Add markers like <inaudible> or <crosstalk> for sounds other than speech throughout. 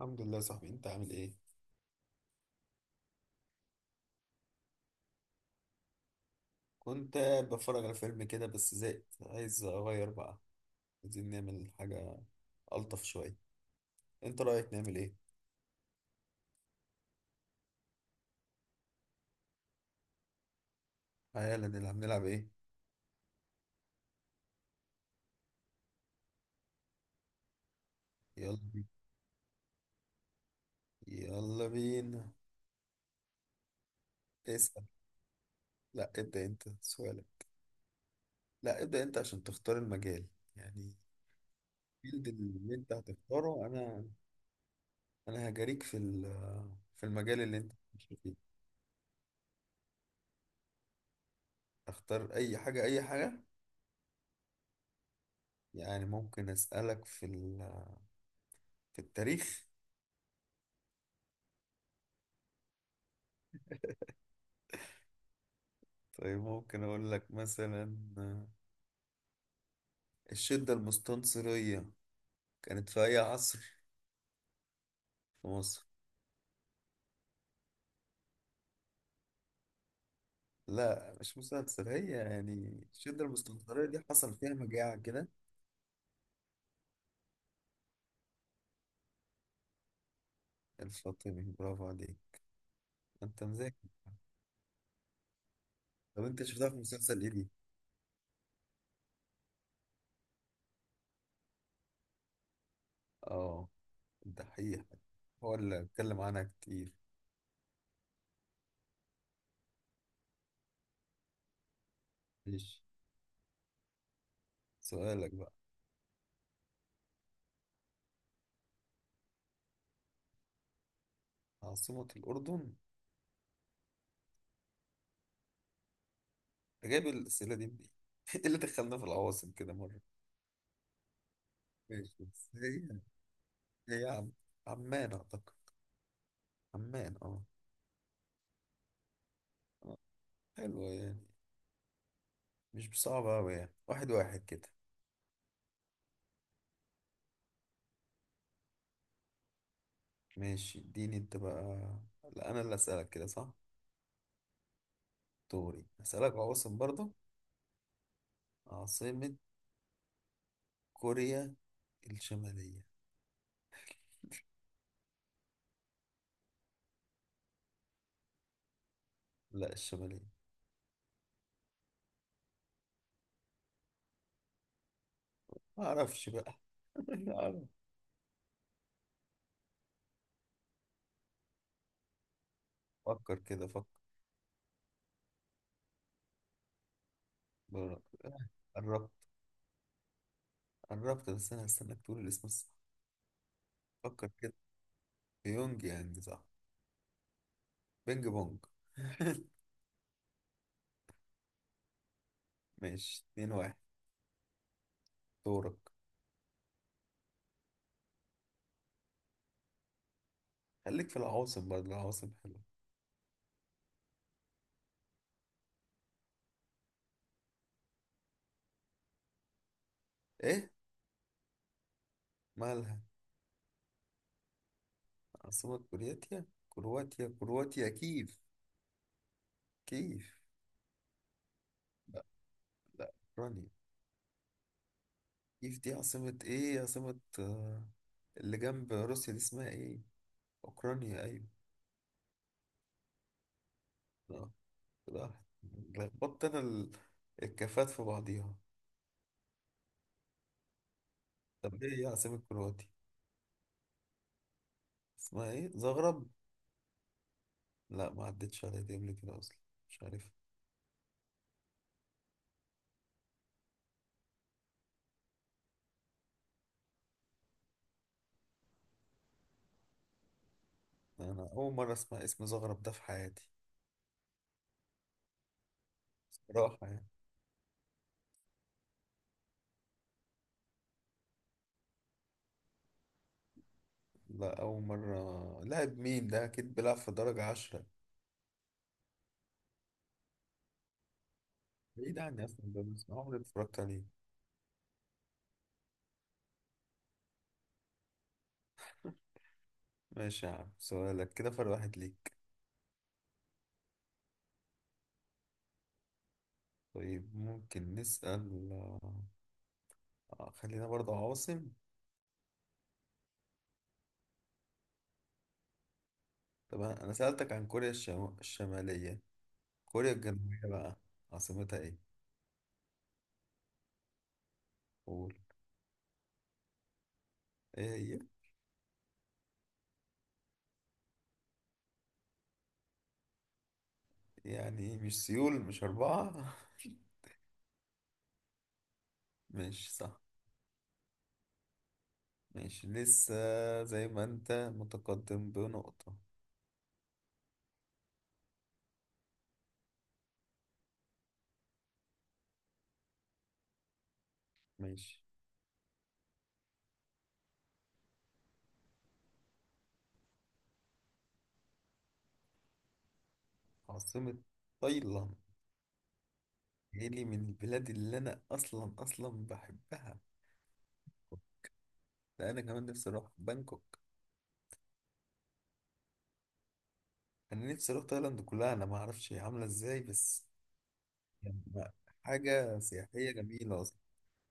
الحمد لله يا صاحبي، انت عامل ايه؟ كنت قاعد بتفرج على فيلم كده بس زهقت، عايز اغير بقى. عايزين نعمل حاجة الطف شوية. انت رأيك نعمل ايه؟ تعالى نلعب ايه؟ يلا بينا، يلا بينا. اسأل. لا، ابدأ انت سؤالك. لا، ابدأ انت عشان تختار المجال، يعني. الفيلد اللي انت هتختاره، انا هجاريك في المجال اللي انت ماشي فيه. اختار اي حاجة، اي حاجة. يعني ممكن اسألك في التاريخ. طيب ممكن أقول لك مثلا، الشدة المستنصرية كانت في أي عصر في مصر؟ لا، مش مستنصر هي. يعني الشدة المستنصرية دي حصل فيها مجاعة كده. الفاطمي، برافو عليك. أنت مذاكر. طب أنت شفتها في مسلسل إيه دي؟ آه، الدحيح هو اللي اتكلم عنها كتير. ماشي. سؤالك بقى. عاصمة الأردن. أنت جايب الأسئلة دي منين؟ <laughs> إيه اللي دخلنا في العواصم كده مرة؟ ماشي، بس هي، هي عم... عمان أعتقد. عمان، اه. حلو، يعني مش صعب أوي، يعني واحد واحد كده. ماشي، اديني انت بقى. لا، انا اللي اسألك كده، صح؟ دوري اسألك عواصم برضه. عاصمة كوريا الشمالية. لا، الشمالية. ما اعرفش بقى. <laughs> لا أعرف. فكر كده، فكر. بر- قربت، قربت، بس انا هستناك تقول الاسم الصح. فكر كده. بيونج يانج، صح؟ بينج بونج. <laughs> ماشي، 2-1. دورك. خليك في العواصم برضه، العواصم حلوة. ايه؟ مالها؟ عاصمة كرواتيا. كرواتيا، كرواتيا كيف؟ كيف؟ لا، لا، رانيا. كيف دي؟ عاصمة ايه؟ عاصمة، آه، اللي جنب روسيا دي اسمها ايه؟ اوكرانيا، ايوه. اه، لا، لخبطت انا الكفات في بعضيها. طب ايه هي عاصمة كرواتيا؟ اسمها ايه؟ زغرب؟ لا، ما عدتش عليا دي قبل كده اصلا. مش عارف. انا اول مرة اسمع اسم زغرب ده في حياتي، صراحة، يعني. لا، أول مرة. لاعب مين ده؟ أكيد بيلعب في درجة 10. بعيد عني اصلا ده، بس عمري ما اتفرجت عليه. ماشي يا عم، سؤالك كده فرق 1 ليك. طيب ممكن نسأل، آه، خلينا برضه عواصم. طب أنا سألتك عن كوريا الشمالية. كوريا الجنوبية بقى، عاصمتها ايه؟ قول. ايه هي؟ يعني ايه؟ مش سيول؟ مش 4؟ <laughs> ماشي، صح. ماشي، لسه زي ما انت متقدم بنقطة. ماشي. عاصمة تايلاند. ايه، لي من البلاد اللي انا اصلا اصلا بحبها. ده انا كمان نفسي اروح بانكوك. انا نفسي اروح تايلاند كلها. انا ما اعرفش هي عامله ازاي، بس يعني حاجه سياحيه جميله اصلا.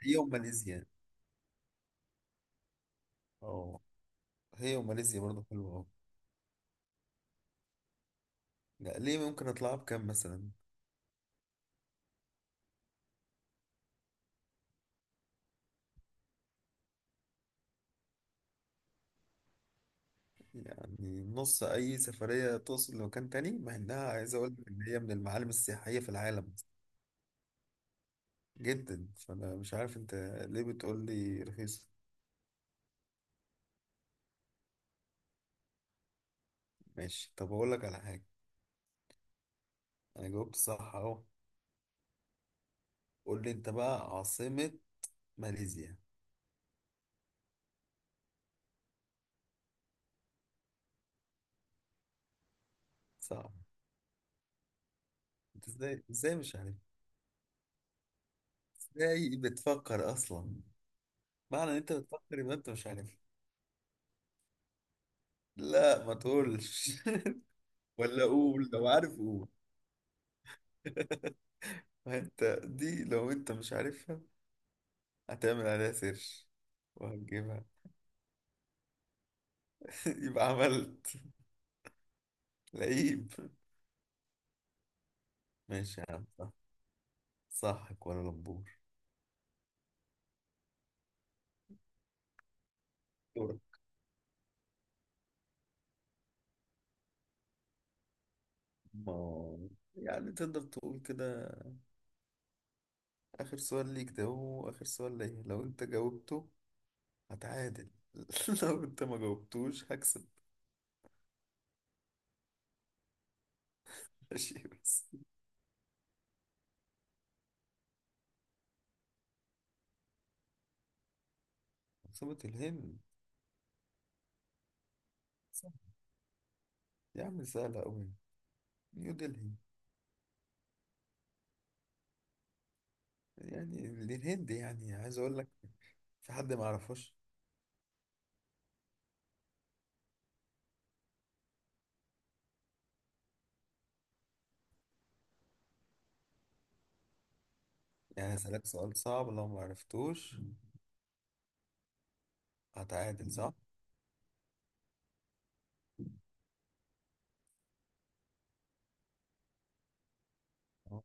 هي وماليزيا. اه، هي وماليزيا برضه حلوه أوي. لا، ليه؟ ممكن اطلعها بكام مثلا؟ يعني نص اي سفريه توصل لمكان تاني، مع انها، عايز اقول لك ان هي من المعالم السياحيه في العالم، جدا. فانا مش عارف انت ليه بتقول لي رخيص. ماشي، طب اقول لك على حاجه. انا جاوبت صح اهو. قول لي انت بقى، عاصمه ماليزيا. صح. انت ازاي، ازاي مش عارف؟ ازاي بتفكر اصلا؟ معنى ان انت بتفكر يبقى انت مش عارف. لا، ما تقولش. <laughs> ولا قول، لو عارف قول. <laughs> ما انت دي لو انت مش عارفها هتعمل عليها سيرش وهتجيبها. <laughs> يبقى عملت لعيب. ماشي يا عم، صح. صح، كوالالمبور. دورك. ما، يعني تقدر تقول كده. آخر سؤال ليك ده هو آخر سؤال ليا. لو انت جاوبته هتعادل، <laughs> لو انت ما جاوبتوش هكسب. ماشي، بس. عاصمة الهند. سهل. يا عم، سهلة أوي. نيو دلهي. يعني دي الهند، يعني عايز أقول لك في حد ما يعرفوش؟ يعني هسألك سؤال صعب، لو ما عرفتوش هتعادل، صح؟ آه.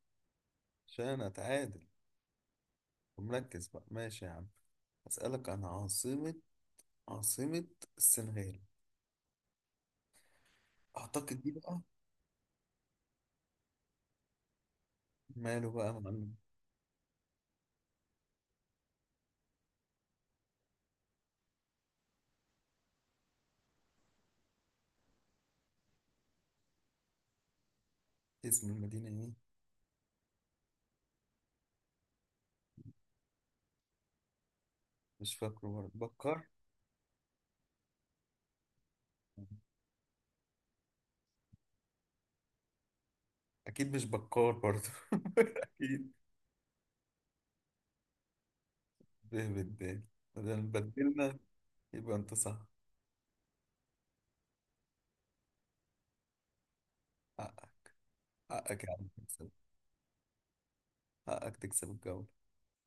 عشان أتعادل ومركز بقى. ماشي يا عم. هسألك عن عاصمة السنغال، أعتقد دي بقى. ماله بقى يا معلم؟ اسم المدينة إيه؟ مش فاكره، برضه بكار؟ أكيد مش بكار برضه. <laughs> أكيد. به بالدال. بدل ما بدلنا يبقى انت صح. حقك. حقك يا عم تكسب. حقك تكسب الجو.